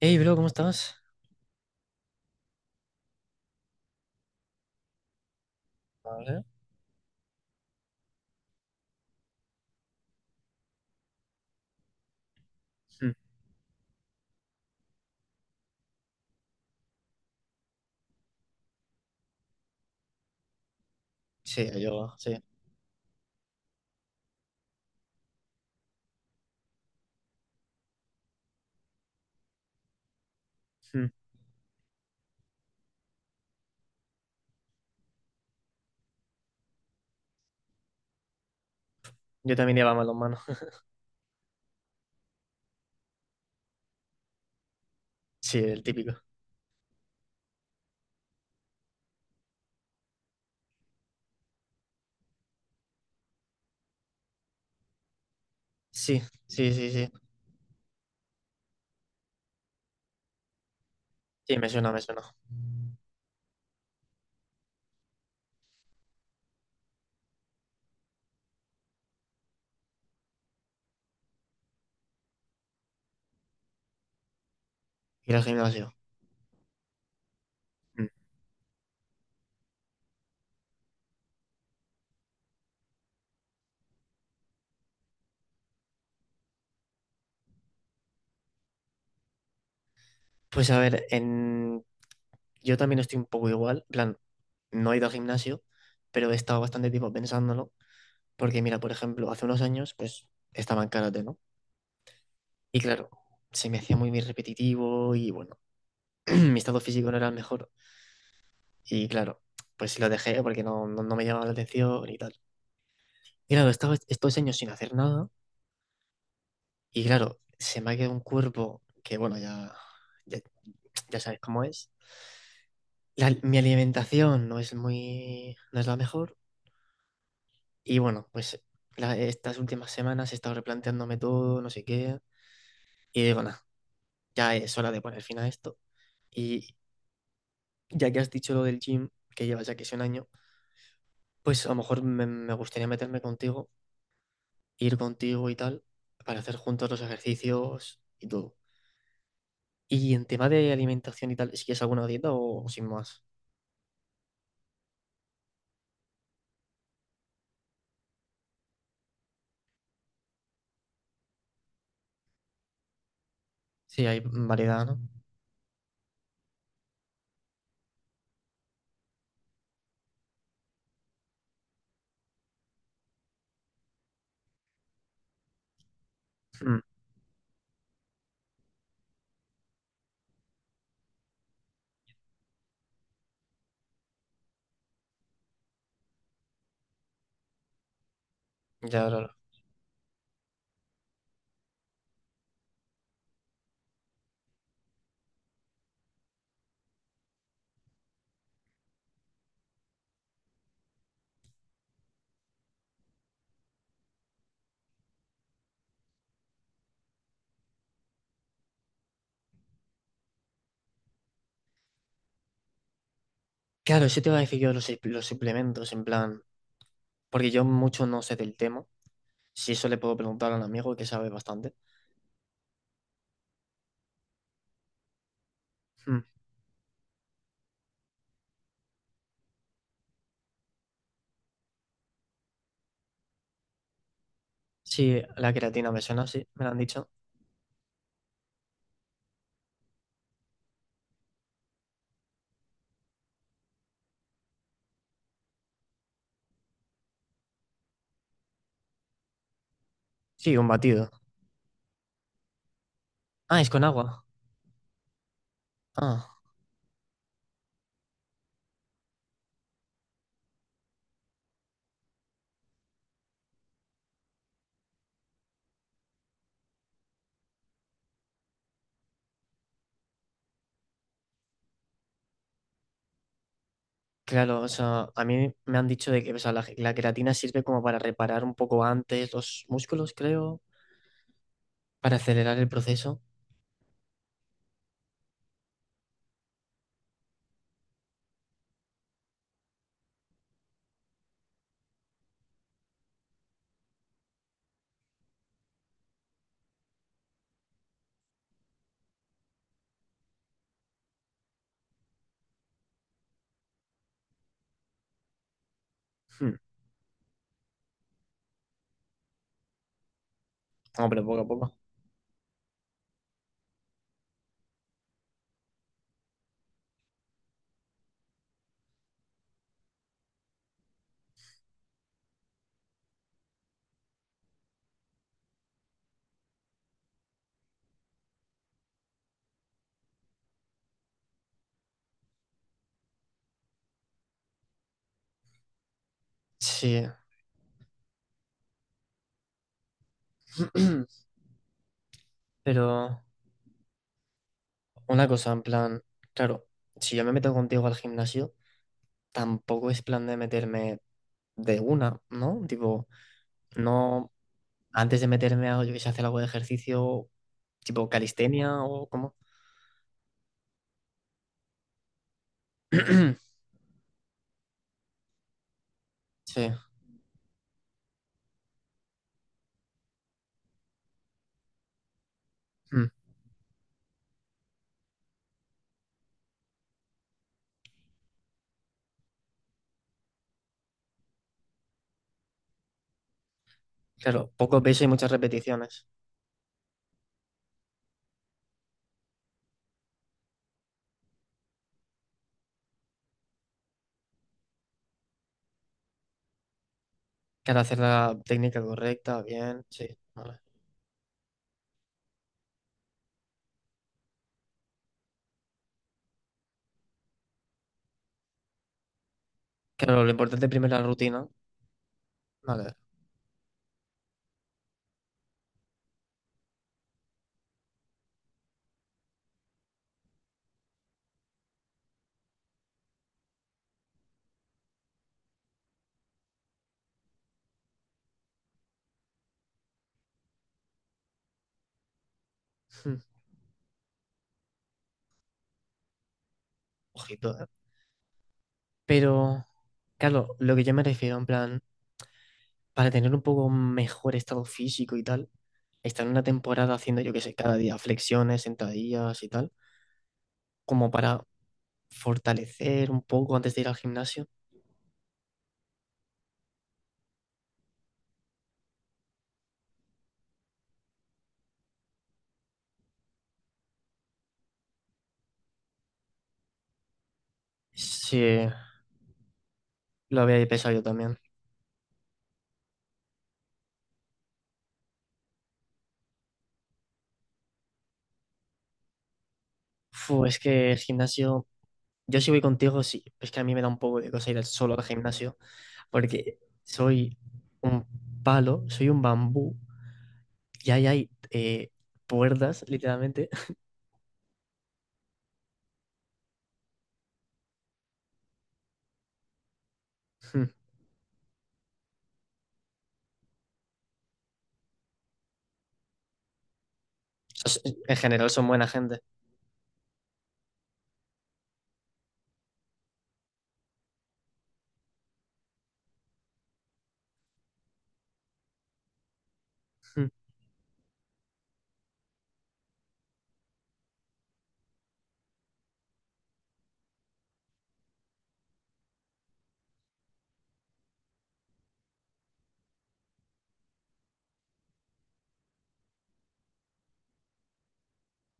Hey, bro, ¿cómo estás? A Mm, sí, yo, sí. Mm, yo también llevaba manos. Sí, el típico. Sí, sí, sí, sí. Sí, me suena, me suena. Ir al gimnasio. Mm. Pues a ver, yo también estoy un poco igual. En plan, no he ido al gimnasio, pero he estado bastante tiempo pensándolo. Porque mira, por ejemplo, hace unos años, pues, estaba en karate, ¿no? Y claro, se me hacía muy, muy repetitivo y bueno, mi estado físico no era el mejor. Y claro, pues lo dejé porque no, no, no me llamaba la atención y tal. Y claro, he estado estos años sin hacer nada y claro, se me ha quedado un cuerpo que, bueno, ya, ya, ya sabes cómo es. Mi alimentación no es muy, no es la mejor y bueno, pues estas últimas semanas he estado replanteándome todo, no sé qué, y digo, nada, ya es hora de poner fin a esto. Y ya que has dicho lo del gym, que llevas ya que es un año, pues a lo mejor me gustaría meterme contigo, ir contigo y tal, para hacer juntos los ejercicios y todo. Y en tema de alimentación y tal, ¿si que es alguna dieta o sin más? Sí, hay variedad, ¿no? Mm, ya, claro. Claro, eso te iba a decir yo los suplementos, en plan, porque yo mucho no sé del tema. Si eso le puedo preguntar a un amigo que sabe bastante. Mm, sí, la creatina me suena, sí, me la han dicho. Sí, un batido. Ah, es con agua. Ah, claro, o sea, a mí me han dicho de que o sea, la creatina sirve como para reparar un poco antes los músculos, creo, para acelerar el proceso. Mm, no, pero poco a poco. Sí. Pero una cosa, en plan, claro, si yo me meto contigo al gimnasio, tampoco es plan de meterme de una, ¿no? Tipo, no, antes de meterme a, yo que sé, hacer algo de ejercicio, tipo calistenia o como. Sí, mm, claro, poco peso y muchas repeticiones. Claro, hacer la técnica correcta, bien, sí, vale. Claro, lo importante primero es la rutina, vale. mm, Ojito, ¿eh? Pero, claro, lo que yo me refiero, en plan, para tener un poco mejor estado físico y tal. Estar una temporada haciendo, yo qué sé, cada día flexiones, sentadillas y tal, como para fortalecer un poco antes de ir al gimnasio. Sí, lo había pensado yo también. Fu, es que el gimnasio, yo si voy contigo, sí, es que a mí me da un poco de cosa ir solo al gimnasio, porque soy un palo, soy un bambú, y ahí hay puertas, literalmente. Mm. En general son buena gente. Mm.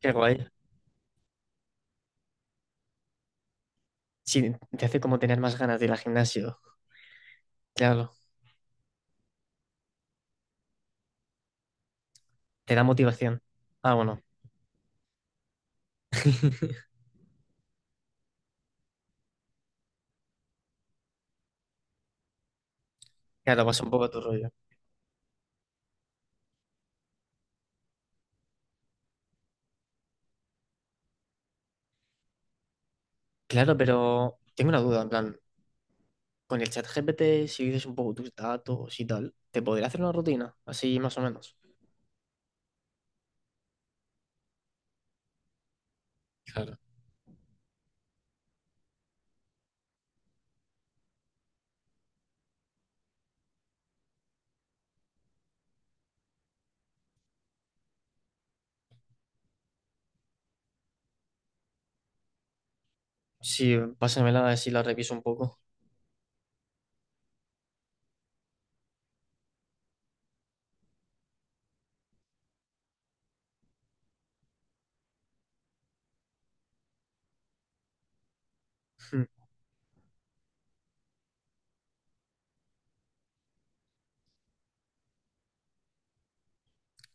Qué guay. Sí, te hace como tener más ganas de ir al gimnasio. Claro. Te da motivación. Ah, bueno. Claro, pasa un poco tu rollo. Claro, pero tengo una duda, en plan, con el chat GPT, si dices un poco tus datos y tal, ¿te podría hacer una rutina? Así más o menos. Claro. Sí, pásamela a ver si la reviso un poco. Hmm.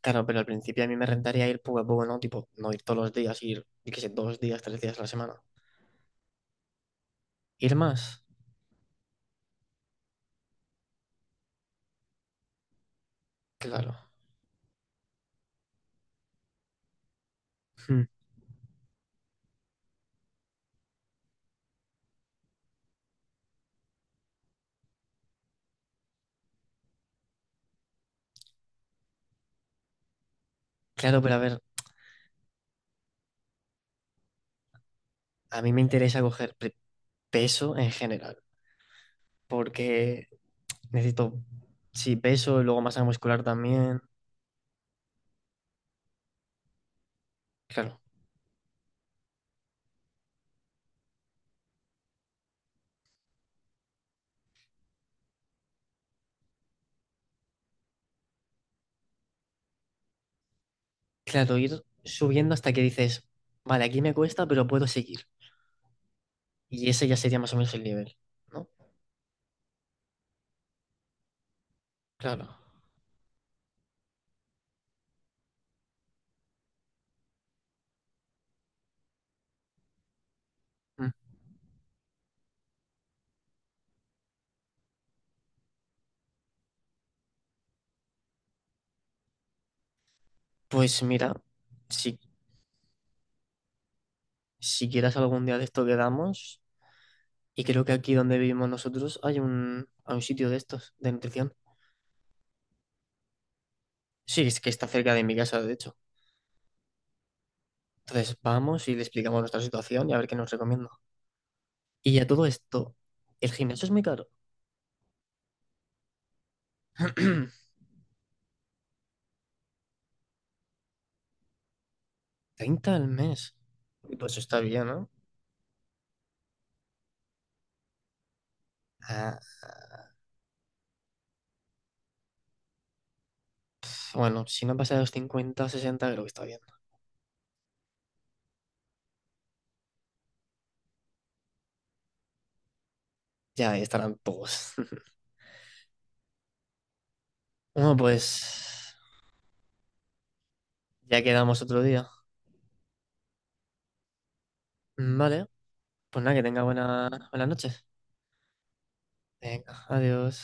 Claro, pero al principio a mí me rentaría ir poco a poco, ¿no? Tipo, no ir todos los días, ir, yo qué sé, 2 días, 3 días a la semana. ¿Ir más? Claro. Hmm. Claro, pero a ver, a mí me interesa coger peso en general, porque necesito, sí, peso, luego masa muscular también. Claro, claro, ir subiendo hasta que dices, vale, aquí me cuesta, pero puedo seguir. Y ese ya sería más o menos el nivel, ¿no? Claro. Mm. Pues mira, si, si quieras algún día de esto quedamos, y creo que aquí donde vivimos nosotros hay un, sitio de estos, de nutrición. Sí, es que está cerca de mi casa, de hecho. Entonces vamos y le explicamos nuestra situación y a ver qué nos recomienda. Y a todo esto, ¿el gimnasio es muy caro? 30 al mes. Pues está bien, ¿no? Ah, bueno, si no pasa de los 50, 60, creo que está bien. Ya ahí estarán todos. Bueno, pues ya quedamos otro día. Vale, pues nada, que tenga buena, buena noche. Venga, adiós.